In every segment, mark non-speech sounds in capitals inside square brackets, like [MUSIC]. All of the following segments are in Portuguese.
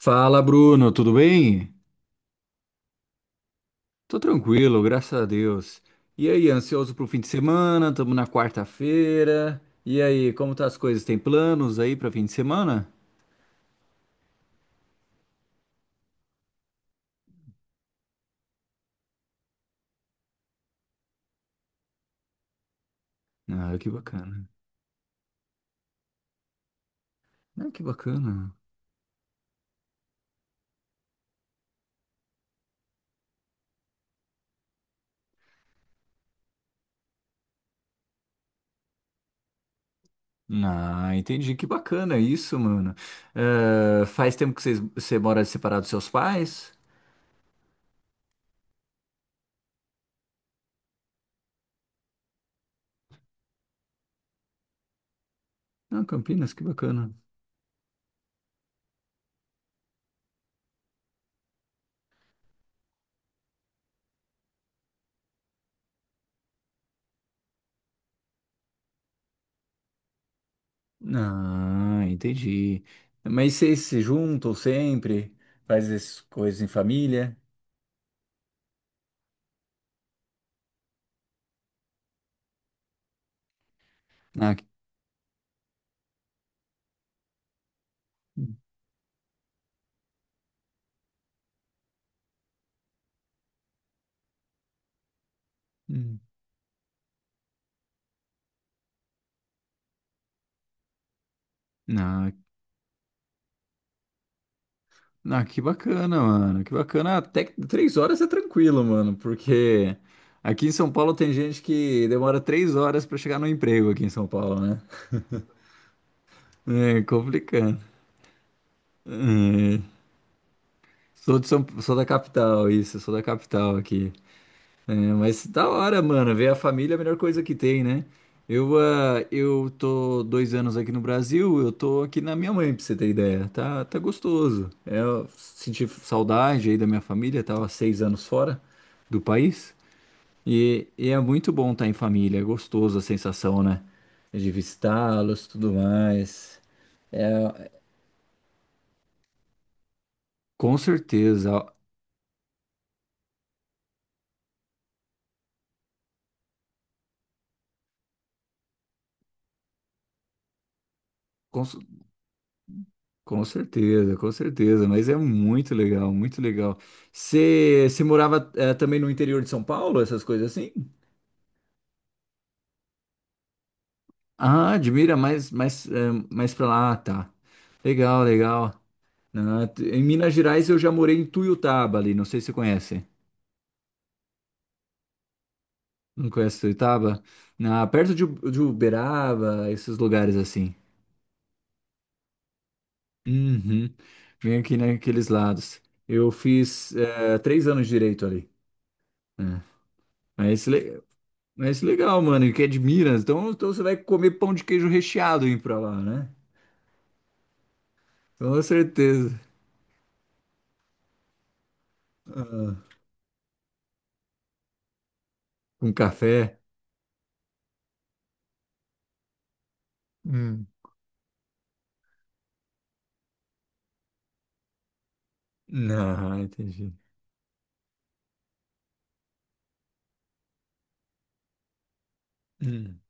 Fala, Bruno, tudo bem? Tô tranquilo, graças a Deus. E aí, ansioso pro fim de semana? Tamo na quarta-feira. E aí, como tá as coisas? Tem planos aí pra fim de semana? Ah, que bacana. Ah, que bacana. Ah, entendi. Que bacana isso, mano. Faz tempo que você mora separado dos seus pais? Ah, Campinas, que bacana. Ah, entendi. Mas vocês se juntam sempre? Faz essas coisas em família? Ah, que... Hum, hum. Ah, ah, que bacana, mano. Que bacana. Até que três horas é tranquilo, mano, porque aqui em São Paulo tem gente que demora três horas pra chegar no emprego aqui em São Paulo, né? É complicado. É. Sou de São, sou da capital, isso. Sou da capital aqui. É, mas da hora, mano. Ver a família é a melhor coisa que tem, né? Eu tô dois anos aqui no Brasil, eu tô aqui na minha mãe, pra você ter ideia. Tá, tá gostoso. É, eu senti saudade aí da minha família, tava seis anos fora do país. E é muito bom estar em família, é gostoso a sensação, né? De visitá-los, tudo mais. É, com certeza. Com, Com certeza, com certeza, mas é muito legal, muito legal. Você morava também no interior de São Paulo, essas coisas assim? Ah, admira, mais mais pra lá, ah, tá. Legal, legal. Ah, em Minas Gerais eu já morei em Tuiutaba ali, não sei se você conhece. Não conhece Tuiutaba? Ah, perto de, de Uberaba, esses lugares assim. Uhum. Vem aqui naqueles lados. Eu fiz três anos de direito ali. Né? Mas le- Mas legal, mano, que é de Minas. Então você vai comer pão de queijo recheado aí pra lá, né? Com certeza. Ah, com café. Hum. Não, entendi. Hum.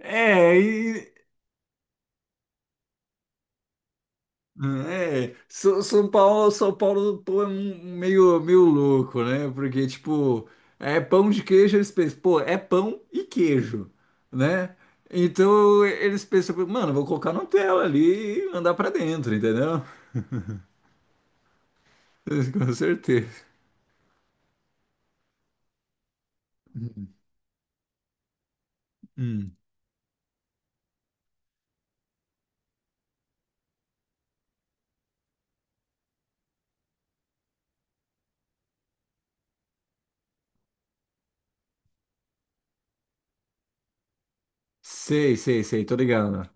É, e, São São Paulo, São Paulo, pô, é um meio, meio louco, né? Porque, tipo, é pão de queijo, eles pensam, pô, é pão e queijo, né? Então eles pensam, mano, vou colocar no tela ali e mandar pra dentro, entendeu? [LAUGHS] Com certeza. Sei, sei, sei, tô ligado.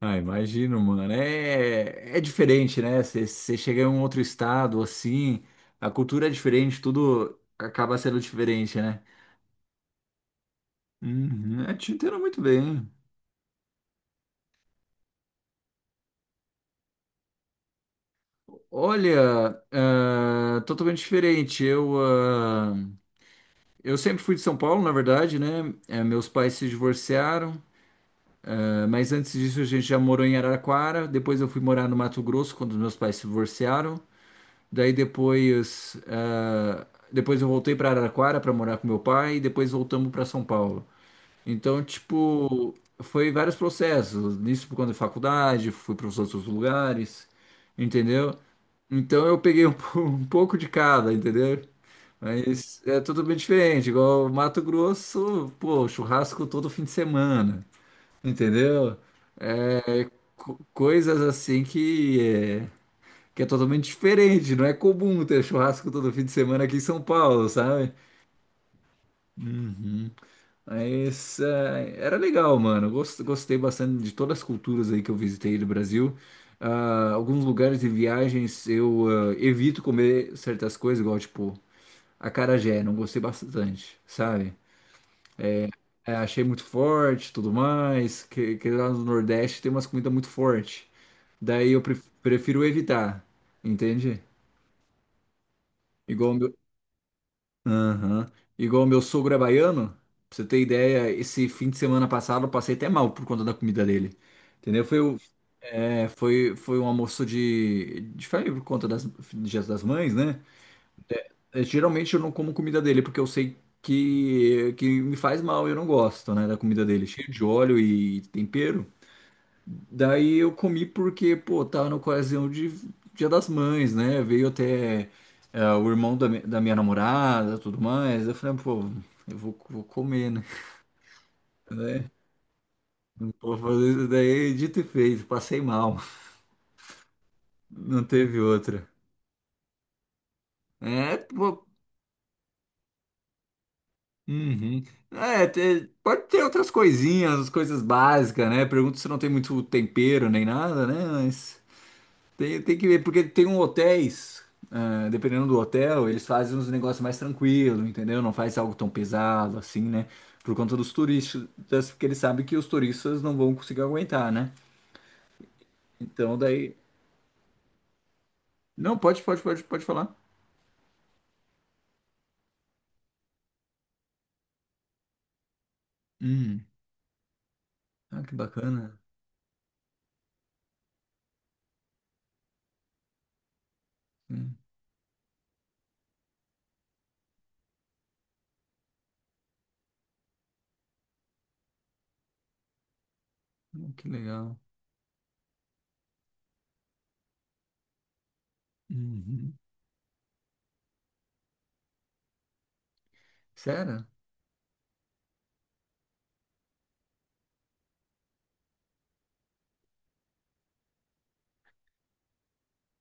Ah, imagino, mano. É, é diferente, né? Você chega em um outro estado, assim, a cultura é diferente, tudo acaba sendo diferente, né? Uhum, é, te entendo muito bem. Olha, ah, totalmente diferente. Eu sempre fui de São Paulo, na verdade, né? Meus pais se divorciaram, ah, mas antes disso a gente já morou em Araraquara. Depois eu fui morar no Mato Grosso quando meus pais se divorciaram. Daí depois, ah, depois eu voltei para Araraquara para morar com meu pai e depois voltamos para São Paulo. Então, tipo, foi vários processos. Nisso, por conta da faculdade, fui para os outros lugares, entendeu? Então eu peguei [LAUGHS] um pouco de cada, entendeu? Mas é tudo bem diferente. Igual Mato Grosso, pô, churrasco todo fim de semana, entendeu? É. Coisas assim que é totalmente diferente, não é comum ter churrasco todo fim de semana aqui em São Paulo, sabe? Uhum. Mas era legal, mano. Gostei bastante de todas as culturas aí que eu visitei do Brasil. Ah, alguns lugares e viagens eu evito comer certas coisas, igual tipo acarajé, não gostei bastante, sabe? É, achei muito forte, tudo mais, que lá no Nordeste tem umas comidas muito fortes. Daí eu prefiro evitar, entende? Igual. Aham. Igual meu sogro é baiano, pra você ter ideia, esse fim de semana passado eu passei até mal por conta da comida dele. Entendeu? Foi, o- é, foi, Foi um almoço de família por conta das Dias das Mães, né? É, geralmente eu não como comida dele, porque eu sei que me faz mal, eu não gosto, né, da comida dele, cheio de óleo e tempero. Daí eu comi porque, pô, tá na ocasião de Dia das Mães, né? Veio até o irmão da minha namorada, tudo mais. Eu falei, pô, vou comer, né? [LAUGHS] Vou fazer isso daí, é dito e feito, passei mal. Não teve outra. É, pô, uhum. É, pode ter outras coisinhas, as coisas básicas, né? Pergunto se não tem muito tempero nem nada, né? Mas tem, tem que ver, porque tem um hotéis, ah, dependendo do hotel, eles fazem uns negócios mais tranquilo, entendeu? Não faz algo tão pesado assim, né? Por conta dos turistas, porque eles sabem que os turistas não vão conseguir aguentar, né? Então daí. Não, pode, pode, pode, pode falar. Hum. Ah, que bacana. Hum. Hum, que legal. Uhum. Sério?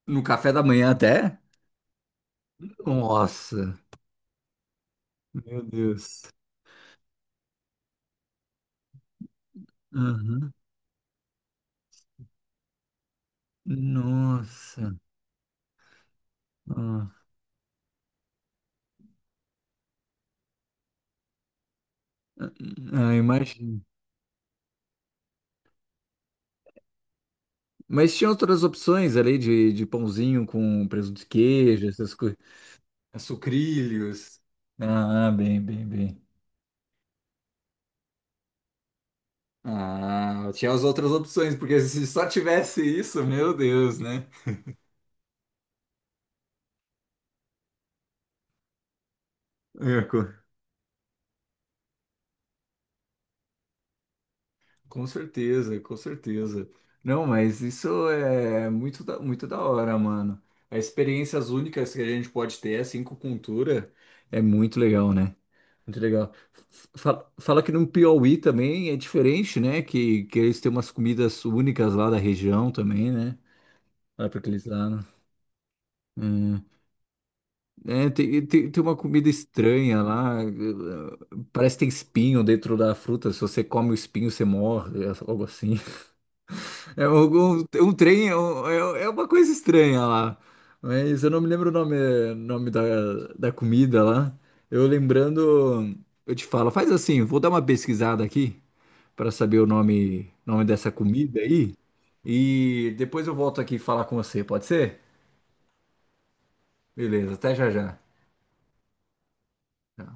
No café da manhã até? Nossa, meu Deus. Aham. Nossa. Ah, ah, imagina. Mas tinha outras opções ali de pãozinho com presunto de queijo, essas coisas. Sucrilhos. Ah, bem, bem, bem. Ah, tinha as outras opções, porque se só tivesse isso, meu Deus, né? É, co- Com certeza, com certeza. Não, mas isso é muito da, muito da hora, mano. As experiências únicas que a gente pode ter, assim, com cultura, é muito legal, né? Muito legal. Fala, fala que no Piauí também é diferente, né? Que eles têm umas comidas únicas lá da região também, né? Lá pra aqueles lados. Hum. É, tem, tem, tem uma comida estranha lá. Parece que tem espinho dentro da fruta. Se você come o espinho, você morre. É algo assim. [LAUGHS] É um trem, é uma coisa estranha lá. Mas eu não me lembro o nome, nome da comida lá. Eu lembrando, eu te falo, faz assim, vou dar uma pesquisada aqui para saber o nome, nome dessa comida aí. E depois eu volto aqui falar com você, pode ser? Beleza, até já já. Tá.